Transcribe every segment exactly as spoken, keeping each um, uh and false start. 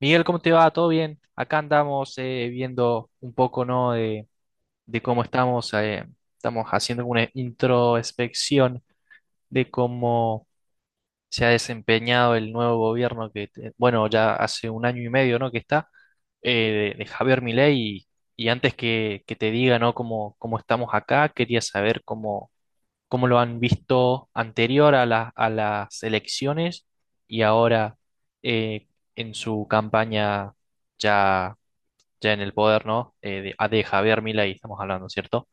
Miguel, ¿cómo te va? ¿Todo bien? Acá andamos eh, viendo un poco, ¿no? de, de cómo estamos, eh, estamos haciendo una introspección de cómo se ha desempeñado el nuevo gobierno que, te- bueno, ya hace un año y medio, ¿no? que está, eh, de, de Javier Milei y, y antes que, que te diga, ¿no? cómo, cómo estamos acá. Quería saber cómo, cómo lo han visto anterior a la- a las elecciones y ahora eh, en su campaña, ya ya en el poder, ¿no? Eh, de, ah, de Javier Milei estamos hablando, ¿cierto?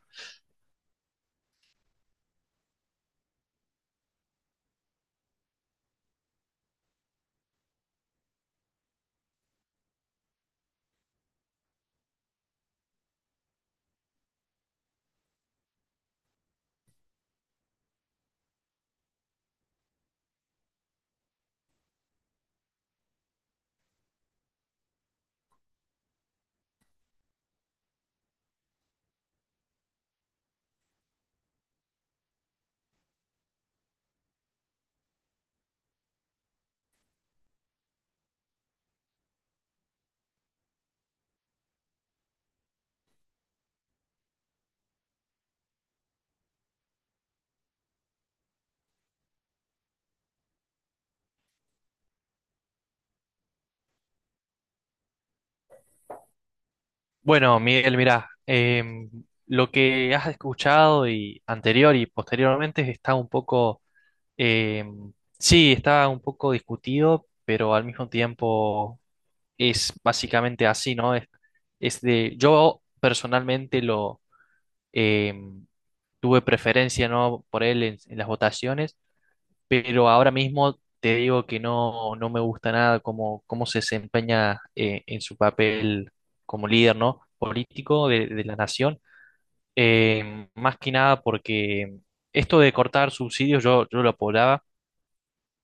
Bueno, Miguel, mirá, em, lo que has escuchado y anterior y posteriormente está un poco, em, sí, está un poco discutido, pero al mismo tiempo es básicamente así, ¿no? Es, es de, yo personalmente lo em, tuve preferencia, ¿no? Por él en en las votaciones, pero ahora mismo te digo que no, no me gusta nada cómo, cómo se desempeña eh, en su papel como líder, ¿no? político de, de la nación. Eh, más que nada porque esto de cortar subsidios yo, yo lo apoyaba,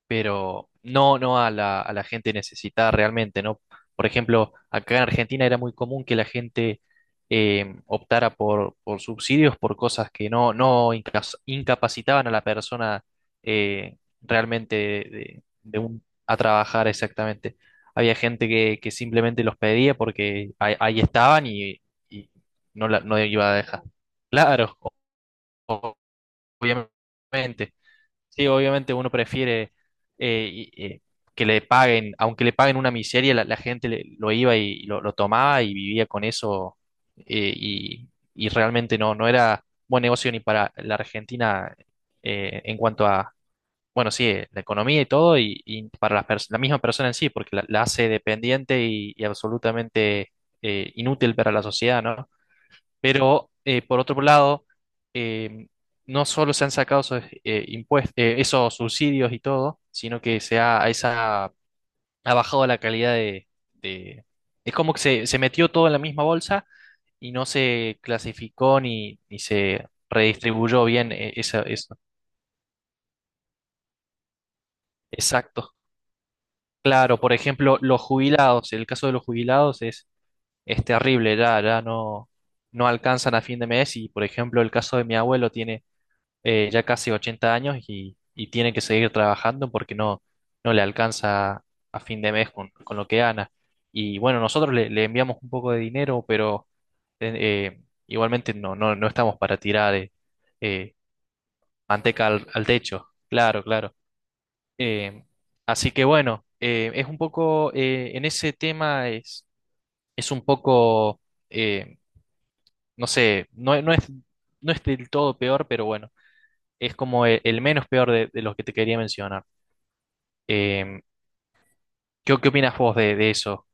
pero no, no a la, a la gente necesitada realmente, ¿no? Por ejemplo, acá en Argentina era muy común que la gente eh, optara por, por subsidios por cosas que no, no incas- incapacitaban a la persona eh, realmente de, de un- a trabajar exactamente. Había gente que, que simplemente los pedía porque ahí, ahí estaban, y, y no, la- no iba a dejar. Claro, o- obviamente. Sí, obviamente uno prefiere eh, y- eh, que le paguen, aunque le paguen una miseria, la, la gente le- lo iba y lo, lo tomaba y vivía con eso, eh, y, y realmente no, no era buen negocio ni para la Argentina eh, en cuanto a, bueno, sí, eh, la economía y todo, y, y para las pers- la misma persona en sí, porque la, la hace dependiente y, y absolutamente eh, inútil para la sociedad, ¿no? Pero eh, por otro lado, eh, no solo se han sacado esos, eh, impues- eh, esos subsidios y todo, sino que se ha, esa, ha bajado la calidad de, de- Es como que se, se metió todo en la misma bolsa y no se clasificó ni, ni se redistribuyó bien, eh, esa- eso. Exacto. Claro, por ejemplo, los jubilados, el caso de los jubilados es, es terrible. Ya, ya no, no alcanzan a fin de mes. Y por ejemplo, el caso de mi abuelo: tiene eh, ya casi ochenta años y, y tiene que seguir trabajando porque no, no le alcanza a fin de mes con, con lo que gana. Y bueno, nosotros le, le enviamos un poco de dinero, pero eh, eh, igualmente no, no, no estamos para tirar, eh, eh, manteca al, al techo. Claro, claro. Eh, Así que bueno, eh, es un poco, eh, en ese tema es, es un poco, eh, no sé, no, no es, no es del todo peor, pero bueno, es como el, el menos peor de, de los que te quería mencionar. Eh, ¿Qué, qué opinas vos de, de eso?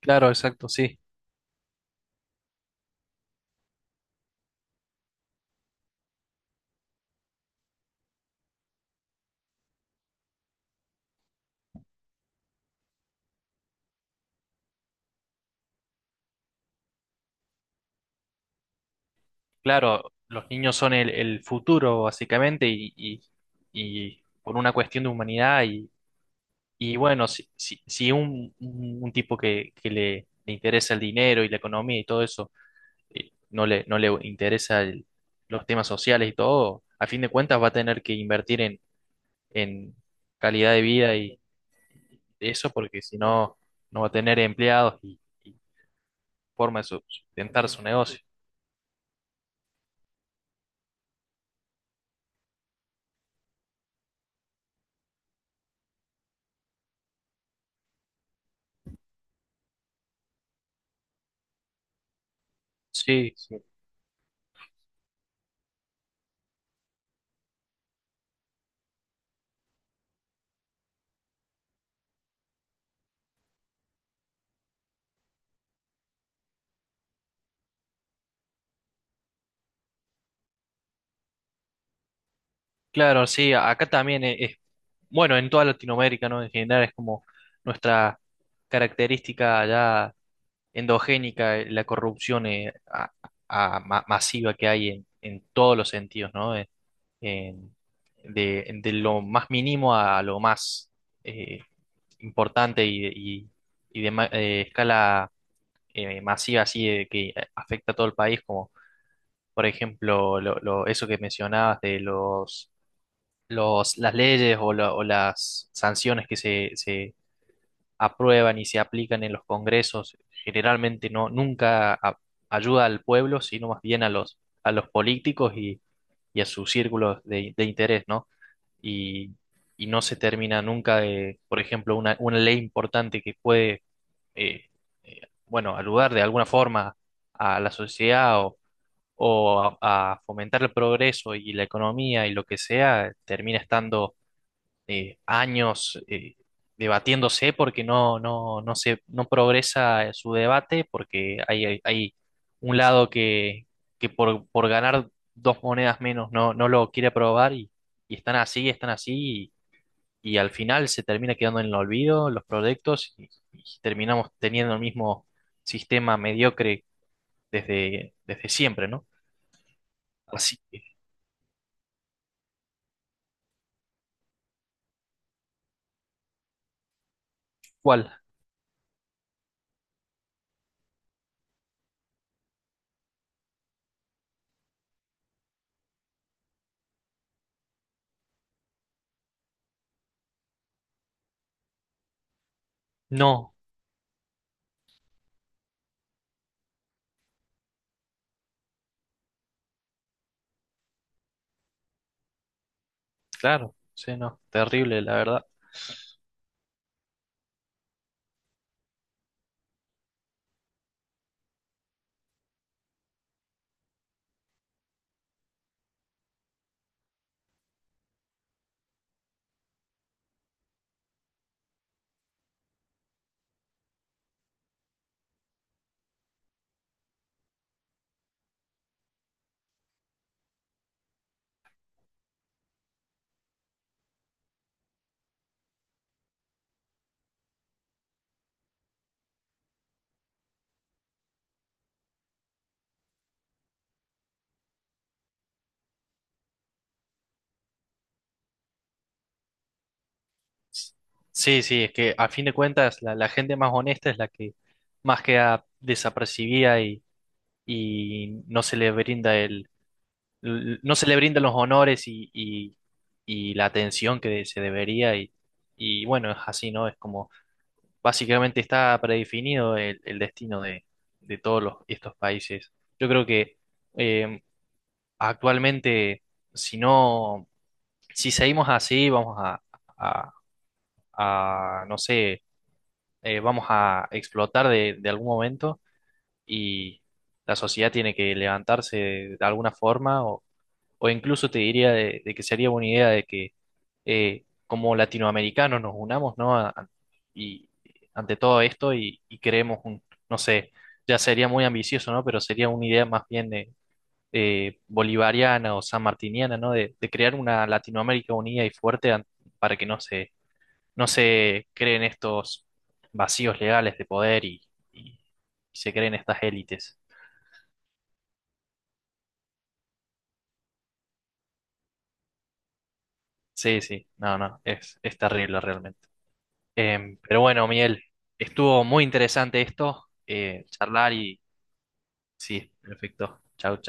Claro, exacto, sí. Claro, los niños son el, el futuro, básicamente, y, y- y por una cuestión de humanidad. Y, y bueno, si, si, si un, un- un tipo que, que le, le interesa el dinero y la economía y todo eso, eh, no le, no le interesa el- los temas sociales y todo, a fin de cuentas va a tener que invertir en, en calidad de vida, eso, porque si no, no va a tener empleados y, y forma de su- sustentar su negocio. Sí, sí. Claro, sí, acá también e- es, bueno, en toda Latinoamérica, ¿no? En general es como nuestra característica ya endogénica, eh, la corrupción, eh, a- a- ma- masiva, que hay en, en todos los sentidos, ¿no? En- en- de, de lo más mínimo a lo más eh, importante, y, de- y, y de ma- eh, escala eh, masiva, así de que afecta a todo el país, como por ejemplo lo- lo- eso que mencionabas de los, los, las leyes, o, la- o las sanciones que se, se aprueban y se aplican en los congresos, generalmente no, nunca a- ayuda al pueblo, sino más bien a los, a los políticos y, y a sus círculos de, de interés, ¿no? Y, y no se termina nunca de, por ejemplo, una, una ley importante que puede eh, eh, bueno, ayudar de alguna forma a la sociedad, o, o a, a fomentar el progreso y la economía y lo que sea, termina estando eh, años eh, debatiéndose, porque no, no, no se, no progresa eh, su debate, porque hay, hay, hay un lado que, que por, por ganar dos monedas menos no, no lo quiere aprobar, y, y están así, están así, y al final se termina quedando en el olvido los proyectos y, y terminamos teniendo el mismo sistema mediocre desde, desde siempre, ¿no? Así que, ¿cuál? No, claro, sí, no, terrible, la verdad. Sí, sí, es que a fin de cuentas la, la gente más honesta es la que más queda desapercibida, y, y no se le brinda el, l- no se le brindan los honores y, y- y la atención que se debería. Y, y bueno, es así, ¿no? Es como: básicamente está predefinido el, el destino de, de todos los- estos países. Yo creo que eh, actualmente, si no, si seguimos así, vamos a, a- a, no sé, eh, vamos a explotar de, de algún momento, y la sociedad tiene que levantarse de alguna forma. O incluso te diría de, de que sería buena idea de que eh, como latinoamericanos nos unamos, ¿no? A- a- y ante todo esto, y, y creemos un, no sé, ya sería muy ambicioso, ¿no? Pero sería una idea más bien de, eh, bolivariana o sanmartiniana, ¿no? De, de crear una Latinoamérica unida y fuerte, an- para que no se, no se creen estos vacíos legales de poder, y, y- se creen estas élites. Sí, sí, no, no, es, es terrible realmente. Em, pero bueno, Miguel, estuvo muy interesante esto, eh, charlar. Y sí, perfecto. Chau, chau.